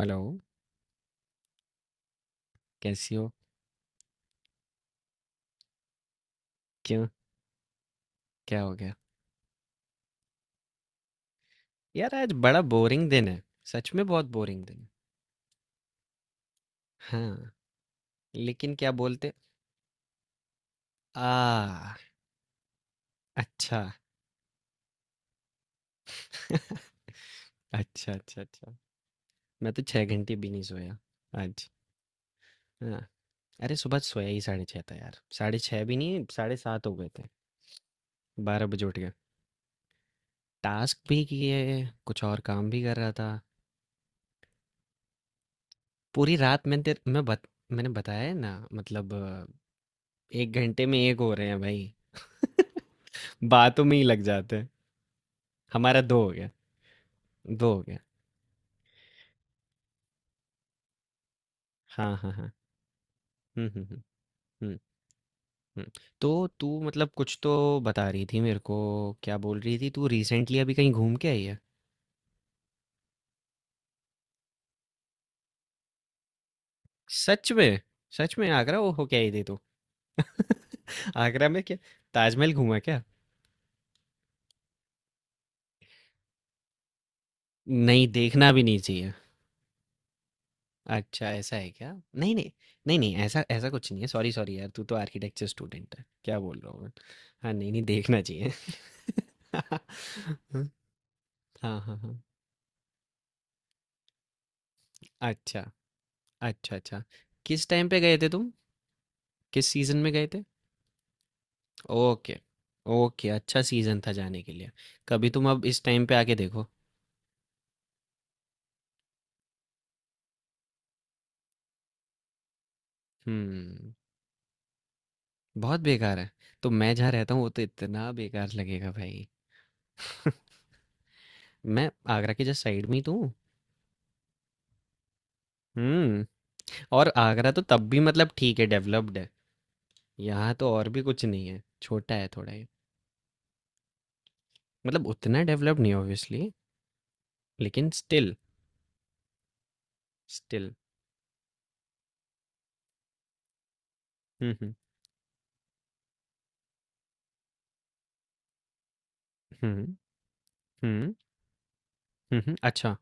Hello कैसी हो? क्यों? क्या हो गया? यार आज बड़ा बोरिंग दिन है। सच में बहुत बोरिंग दिन है। हाँ लेकिन क्या बोलते? आ अच्छा। अच्छा अच्छा अच्छा। मैं तो छह घंटे भी नहीं सोया आज। हाँ अरे सुबह सोया ही साढ़े छः था यार, साढ़े छः भी नहीं साढ़े सात हो गए थे। बारह बजे उठ गया। टास्क भी किए, कुछ और काम भी कर रहा था। पूरी रात। मैंने तेरे मैं बत, मैंने बताया है ना, मतलब एक घंटे में एक हो रहे हैं भाई। बातों में ही लग जाते हैं। हमारा 2 हो गया। 2 हो गया। हाँ, हाँ, हाँ। हुँ, हुँ, हुँ। हुँ, हुँ। तो तू मतलब कुछ तो बता रही थी मेरे को, क्या बोल रही थी तू? रिसेंटली अभी कहीं घूम के आई है? सच में? सच में आगरा ओ हो के आई थी तू? आगरा में क्या ताजमहल घूमा क्या? नहीं, देखना भी नहीं चाहिए। अच्छा, ऐसा है क्या? नहीं, नहीं। नहीं, नहीं ऐसा ऐसा कुछ नहीं है। सॉरी, सॉरी यार तू तो आर्किटेक्चर स्टूडेंट है। क्या बोल रहा हूँ मैं। हाँ, नहीं, नहीं देखना चाहिए। हाँ, हाँ, हाँ। अच्छा। अच्छा अच्छा। किस टाइम पे गए थे तुम? किस सीजन में गए थे? ओके। ओके अच्छा सीजन था जाने के लिए। कभी तुम अब इस टाइम पे आके देखो। हम्म। बहुत बेकार है। तो मैं जहाँ रहता हूँ वो तो इतना बेकार लगेगा भाई। मैं आगरा के जस्ट साइड में ही तो हूँ। हम्म। और आगरा तो तब भी मतलब ठीक है, डेवलप्ड है। यहाँ तो और भी कुछ नहीं है, छोटा है थोड़ा ही। मतलब उतना डेवलप नहीं ऑब्वियसली। लेकिन स्टिल। स्टिल। हम्म। हम्म हम्म। अच्छा।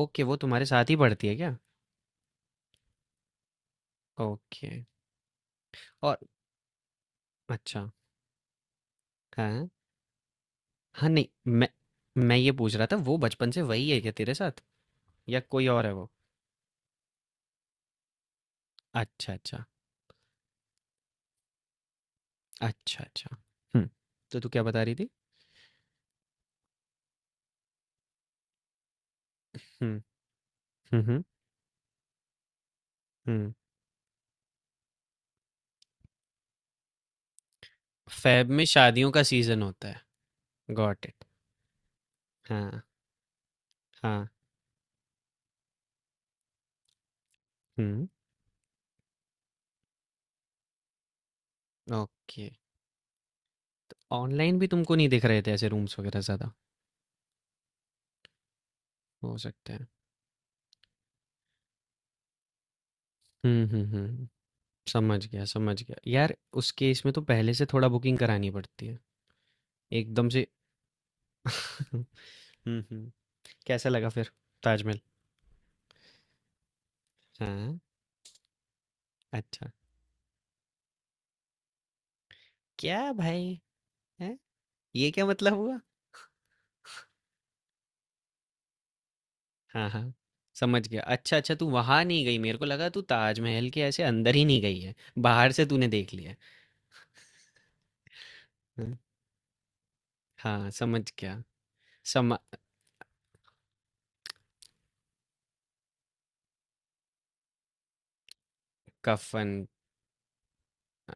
ओके, वो तुम्हारे साथ ही पढ़ती है क्या? ओके। और। अच्छा, हाँ। हाँ, नहीं मैं, मैं ये पूछ रहा था वो बचपन से वही है क्या तेरे साथ या कोई और है वो? अच्छा, अच्छा। अच्छा, अच्छा। हुँ, तो तू क्या बता रही थी? हुँ, हुँ, हुँ, हुँ। फ़ेब में शादियों का सीज़न होता है। Got it. हाँ, हाँ। हुँ, ओके। ऑनलाइन भी तुमको नहीं दिख रहे थे ऐसे रूम्स वगैरह ज़्यादा? हो सकता है। हुँ, हुँ, हुँ। समझ गया, समझ गया। यार उसके इसमें तो पहले से थोड़ा बुकिंग करानी पड़ती है। एकदम से। हुँ, हुँ। कैसा लगा फिर ताजमहल? हाँ, अच्छा। क्या भाई! हैं? ये क्या मतलब हुआ? हाँ, हाँ, समझ गया। अच्छा, अच्छा तू वहाँ नहीं गई, मेरे को लगा तू ताजमहल के ऐसे अंदर ही नहीं गई है, बाहर से तूने देख लिया है। हुँ, हाँ, समझ गया। समा कफ़न। अ,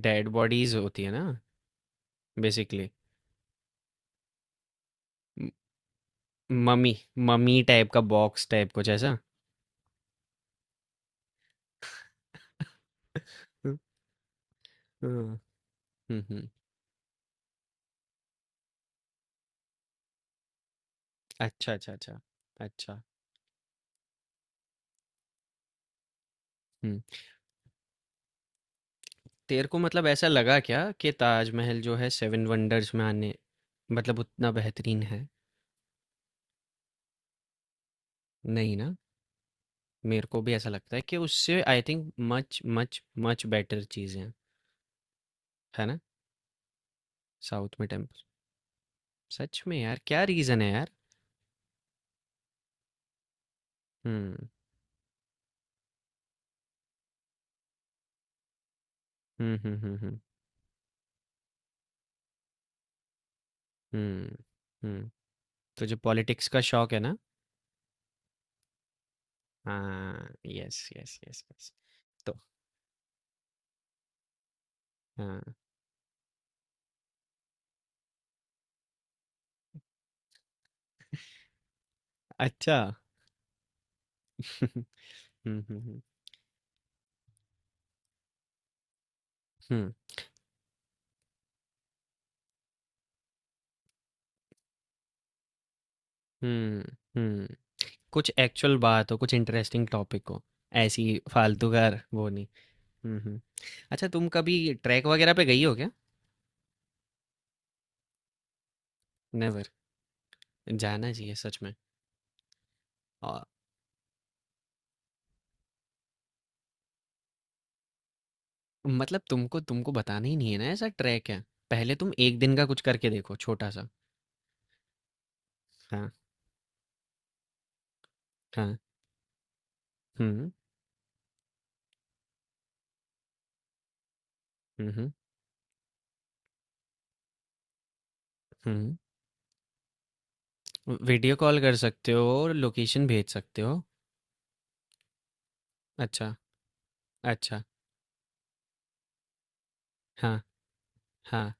डेड बॉडीज़ होती है ना बेसिकली। म मम्मी। मम्मी टाइप का बॉक्स टाइप कुछ ऐसा? हुँ, हुँ, हुँ, हुँ। अच्छा, अच्छा, अच्छा। अच्छा, हुँ। तेरे को मतलब ऐसा लगा क्या कि ताजमहल जो है सेवन वंडर्स में आने मतलब उतना बेहतरीन है? नहीं ना। मेरे को भी ऐसा लगता है कि उससे I think much much much better चीज़ें हैं। है ना? साउथ में टेम्पल। सच में यार क्या रीज़न है यार। हम्म हम्म। हम्म हम्म। तुझे पॉलिटिक्स का शौक है ना? हाँ यस यस यस यस। तो। हाँ। अच्छा। हम्म हम्म हम्म हम्म। हम्म हम्म। कुछ एक्चुअल बात हो, कुछ इंटरेस्टिंग टॉपिक हो, ऐसी। फालतू का वो नहीं। हम्म हम्म। अच्छा तुम कभी ट्रैक वगैरह पे गई हो क्या? नेवर। जाना चाहिए सच में। और मतलब तुमको, तुमको बताना ही नहीं है ना ऐसा ट्रैक है। पहले तुम एक दिन का कुछ करके देखो छोटा सा। हाँ। हाँ। हम्म। हम्म हम्म। वीडियो कॉल कर सकते हो और लोकेशन भेज सकते हो। अच्छा अच्छा। हाँ हाँ।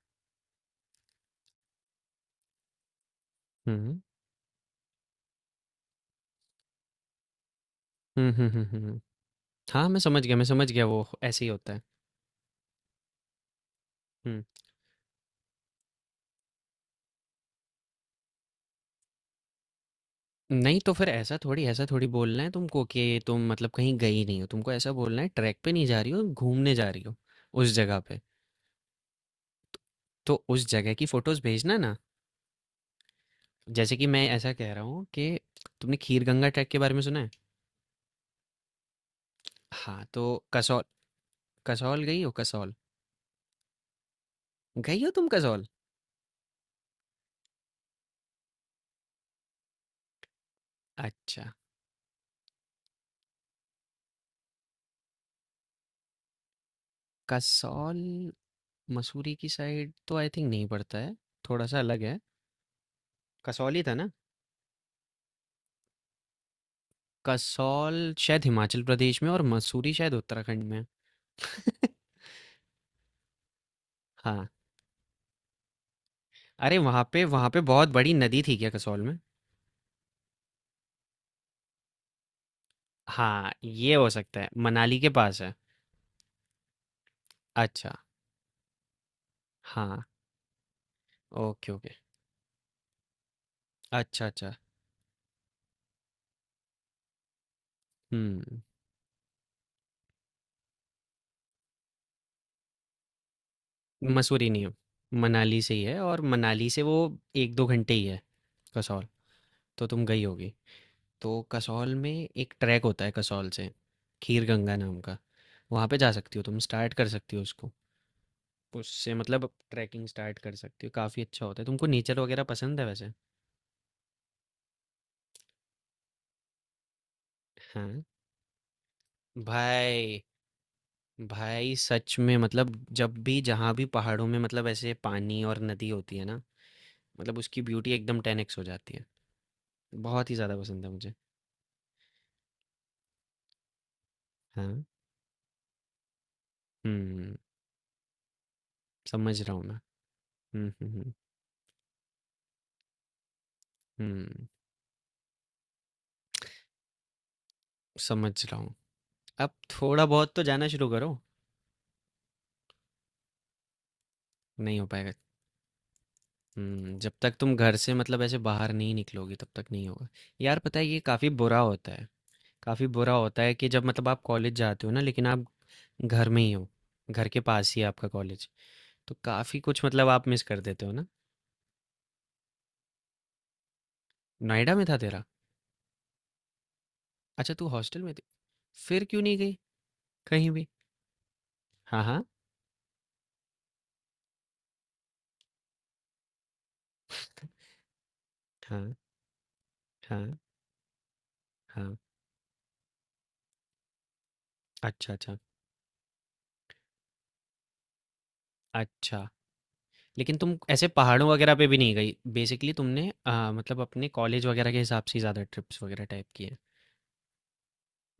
हम्म हम्म हम्म हम्म हम्म। हाँ मैं समझ गया, मैं समझ गया, वो ऐसे ही होता है। हम्म। नहीं तो फिर ऐसा थोड़ी, ऐसा थोड़ी बोलना है तुमको कि तुम मतलब कहीं गई नहीं हो। तुमको ऐसा बोलना है ट्रैक पे नहीं जा रही हो, घूमने जा रही हो उस जगह पे। तो उस जगह की फोटोज भेजना ना। जैसे कि मैं ऐसा कह रहा हूँ कि तुमने खीर गंगा ट्रैक के बारे में सुना है? हाँ तो कसौल। कसौल गई हो कसौल? गई हो तुम कसौल? अच्छा कसौल। मसूरी की साइड तो आई थिंक नहीं पड़ता है, थोड़ा सा अलग है। कसौल ही था ना? कसौल शायद हिमाचल प्रदेश में और मसूरी शायद उत्तराखंड में है। हाँ अरे वहाँ पे, वहाँ पे बहुत बड़ी नदी थी क्या कसौल में? हाँ, ये हो सकता है, मनाली के पास है। अच्छा, हाँ, ओके, ओके। अच्छा, अच्छा। हुँ, मसूरी नहीं है, मनाली से ही है और मनाली से वो 1-2 घंटे ही है, कसौल, तो तुम गई होगी। तो कसौल में एक ट्रैक होता है कसौल से, खीर गंगा नाम का, वहाँ पे जा सकती हो तुम, स्टार्ट कर सकती हो उसको। उससे मतलब ट्रैकिंग स्टार्ट कर सकती हो, काफ़ी अच्छा होता है। तुमको नेचर वगैरह पसंद है वैसे? हाँ। भाई। भाई सच में मतलब जब भी जहाँ भी पहाड़ों में मतलब ऐसे पानी और नदी होती है ना, मतलब उसकी ब्यूटी एकदम टेन एक्स हो जाती है। बहुत ही ज़्यादा पसंद है मुझे। हाँ। हम्म। समझ रहा हूँ मैं। हम्म हम्म हम्म हम्म, समझ रहा हूँ। अब थोड़ा बहुत तो जाना शुरू करो। नहीं हो पाएगा। जब तक तुम घर से मतलब ऐसे बाहर नहीं निकलोगी तब तक नहीं होगा। यार पता है ये काफ़ी बुरा होता है। काफ़ी बुरा होता है कि जब मतलब आप कॉलेज जाते हो ना लेकिन आप घर में ही हो, घर के पास ही है आपका कॉलेज। तो काफ़ी कुछ मतलब आप मिस कर देते हो ना? नोएडा में था तेरा? अच्छा तू हॉस्टल में थी? फिर क्यों नहीं गई कहीं भी? हाँ, हाँ। हाँ, हाँ, हाँ। अच्छा, अच्छा। अच्छा, लेकिन तुम ऐसे पहाड़ों वगैरह पे भी नहीं गई? बेसिकली तुमने मतलब अपने कॉलेज वगैरह के हिसाब से ही ज़्यादा ट्रिप्स वगैरह टाइप की हैं।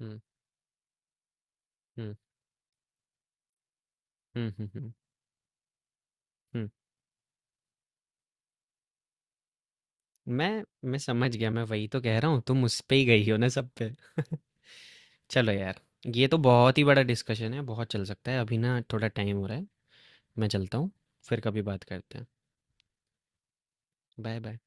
हुँ, हुँ। हुँ, हुँ, हुँ, हुँ। मैं मैं समझ गया, मैं वही तो कह रहा हूँ, तुम उस पे ही गई हो ना सब पे। चलो यार, ये तो बहुत ही बड़ा डिस्कशन है, बहुत चल सकता है। अभी ना थोड़ा टाइम हो रहा है, मैं चलता हूँ। फिर कभी बात करते हैं। Bye bye.